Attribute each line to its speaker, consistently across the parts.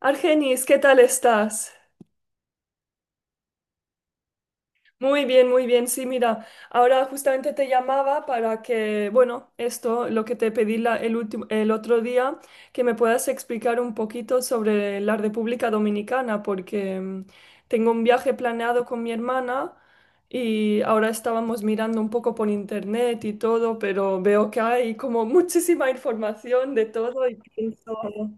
Speaker 1: Argenis, ¿qué tal estás? Muy bien, muy bien. Sí, mira, ahora justamente te llamaba para que, bueno, esto, lo que te pedí el último, el otro día, que me puedas explicar un poquito sobre la República Dominicana, porque tengo un viaje planeado con mi hermana y ahora estábamos mirando un poco por internet y todo, pero veo que hay como muchísima información de todo y pienso.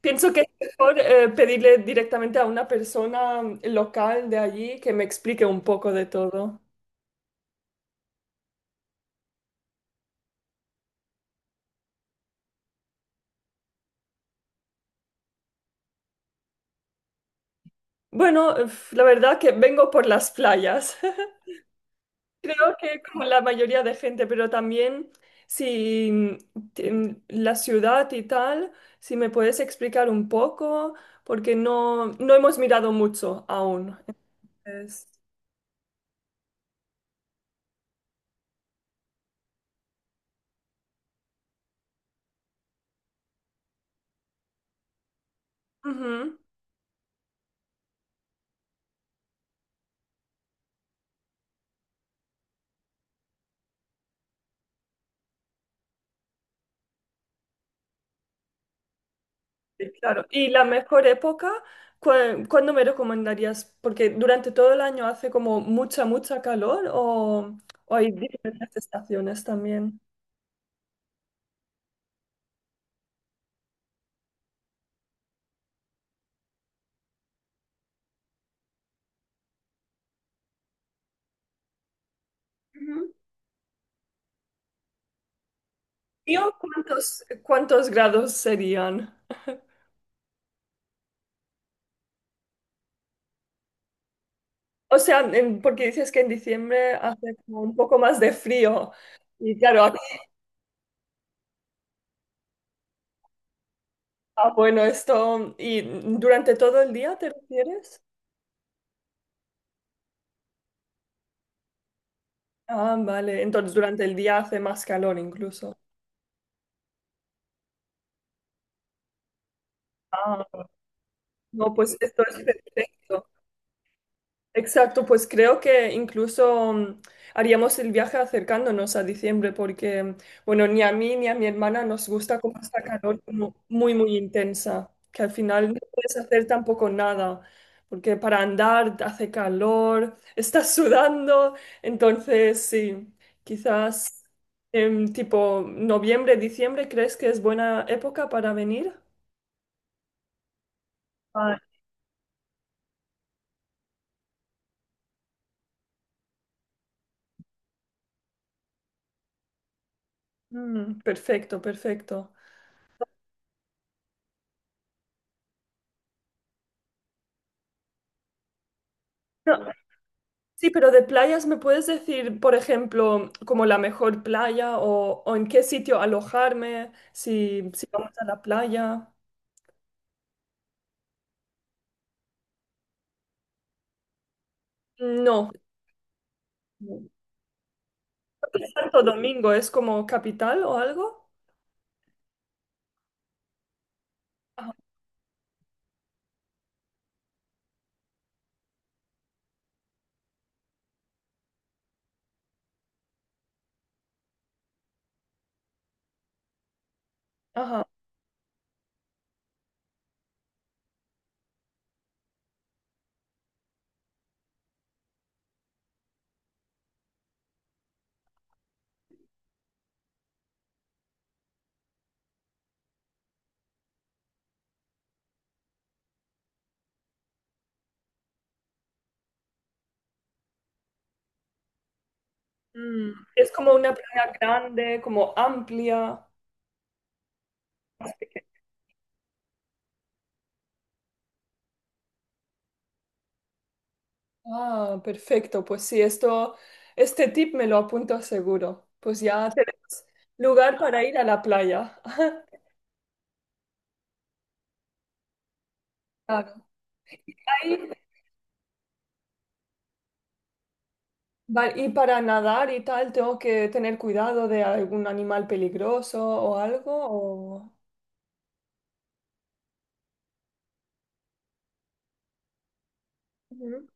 Speaker 1: Pienso que es mejor pedirle directamente a una persona local de allí que me explique un poco de todo. Bueno, uf, la verdad que vengo por las playas. Creo que como la mayoría de gente, pero también si la ciudad y tal, si me puedes explicar un poco, porque no hemos mirado mucho aún. Entonces, ujú. Sí, claro, y la mejor época, ¿cuándo me recomendarías? Porque durante todo el año hace como mucha, mucha calor o hay diferentes estaciones también. Ujú. Tío, ¿cuántos, cuántos grados serían? O sea, porque dices que en diciembre hace como un poco más de frío. Y claro, aquí está bueno esto. ¿Y durante todo el día te refieres? Ah, vale. Entonces durante el día hace más calor incluso. Ah, no, pues esto es perfecto. Exacto, pues creo que incluso haríamos el viaje acercándonos a diciembre porque, bueno, ni a mí ni a mi hermana nos gusta como esta calor como muy, muy intensa, que al final no puedes hacer tampoco nada, porque para andar hace calor, estás sudando, entonces sí, quizás en tipo noviembre, diciembre, ¿crees que es buena época para venir? Ah, perfecto, perfecto. Sí, pero de playas, ¿me puedes decir, por ejemplo, como la mejor playa o en qué sitio alojarme si, si vamos a la playa? No. ¿Es Santo Domingo es como capital o algo? Ajá. Ajá. Mm, es como una playa grande, como amplia. Ah, perfecto. Pues sí, esto, este tip me lo apunto seguro. Pues ya tenemos lugar para ir a la playa. Claro. Ahí. Vale, y para nadar y tal, ¿tengo que tener cuidado de algún animal peligroso o algo? O... Ujú.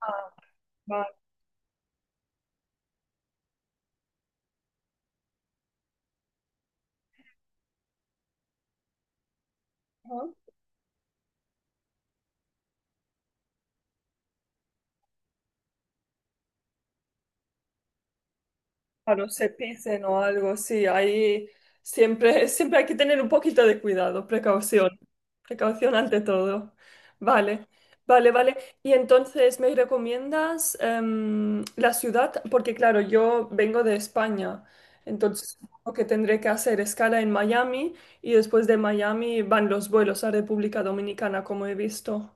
Speaker 1: Ah, vale. Claro, se pisen o algo, sí, ahí siempre, siempre hay que tener un poquito de cuidado, precaución, precaución ante todo. Vale, vale, vale. Y entonces, ¿me recomiendas la ciudad? Porque claro, yo vengo de España, entonces lo que tendré que hacer escala en Miami y después de Miami van los vuelos a República Dominicana, como he visto.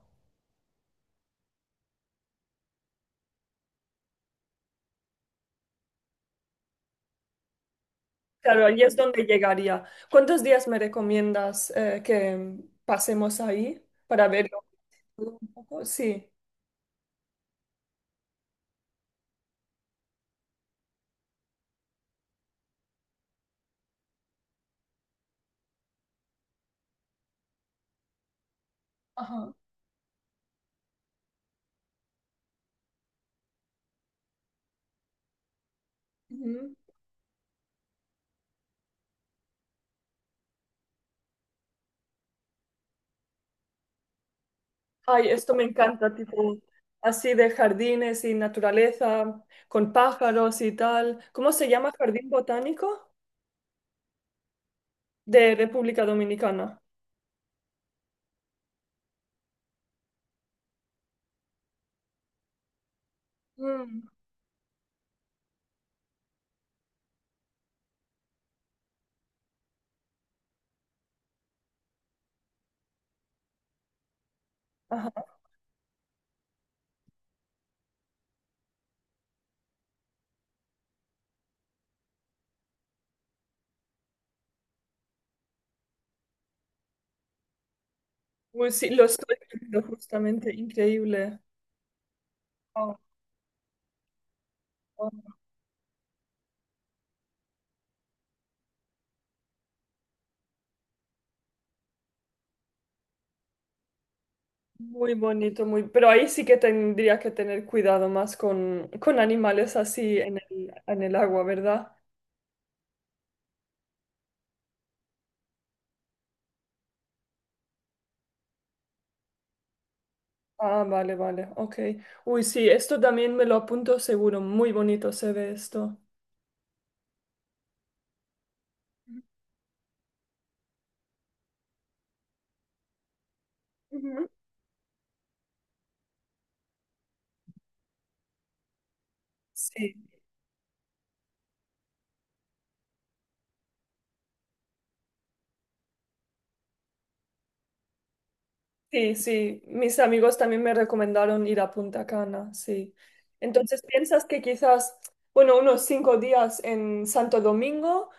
Speaker 1: Claro, ahí es donde llegaría. ¿Cuántos días me recomiendas que pasemos ahí para verlo un poco? Sí. Ajá. Ujú. Ay, esto me encanta, tipo así de jardines y naturaleza, con pájaros y tal. ¿Cómo se llama Jardín Botánico de República Dominicana? Mm. Ajá. Uy, sí, lo estoy viendo justamente, increíble. Wow. Muy bonito, muy... Pero ahí sí que tendrías que tener cuidado más con animales así en el agua, ¿verdad? Ah, vale, vale, ok. Uy, sí, esto también me lo apunto seguro. Muy bonito se ve esto. Ujú. Sí. Sí, sí, mis amigos también me recomendaron ir a Punta Cana, sí. Entonces, ¿piensas que quizás, bueno, unos 5 días en Santo Domingo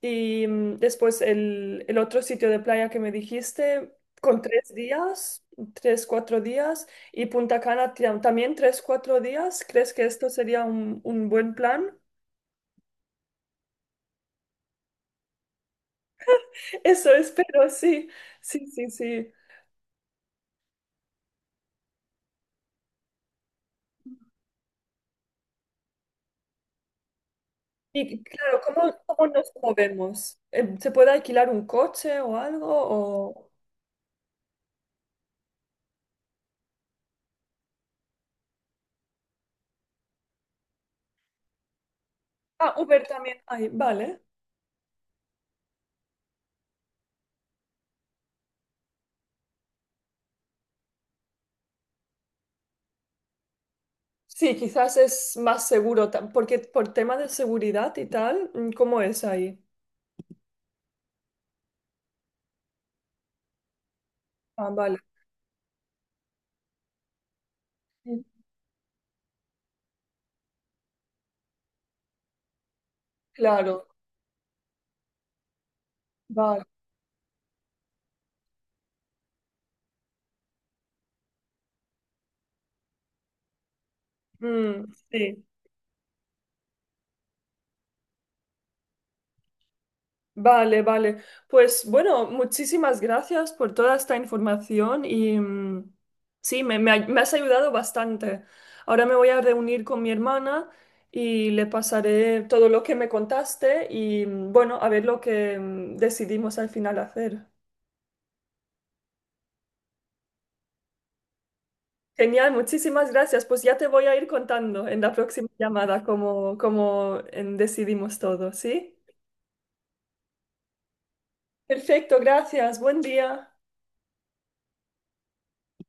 Speaker 1: y después el otro sitio de playa que me dijiste, con 3 días, 3, 4 días, y Punta Cana también 3, 4 días? ¿Crees que esto sería un buen plan? Eso espero, sí, sí, sí, sí. Y claro, ¿cómo, cómo nos movemos? ¿Se puede alquilar un coche o algo? O... Ah, Uber también hay, vale. Sí, quizás es más seguro, porque por tema de seguridad y tal, ¿cómo es ahí? Ah, vale. Mm, claro, vale. Mm, sí. Vale, vale. Pues bueno, muchísimas gracias por toda esta información y sí, me, me has ayudado bastante. Ahora me voy a reunir con mi hermana y le pasaré todo lo que me contaste y bueno, a ver lo que decidimos al final hacer. Genial, muchísimas gracias. Pues ya te voy a ir contando en la próxima llamada cómo, cómo decidimos todo, ¿sí? Perfecto, gracias. Buen día.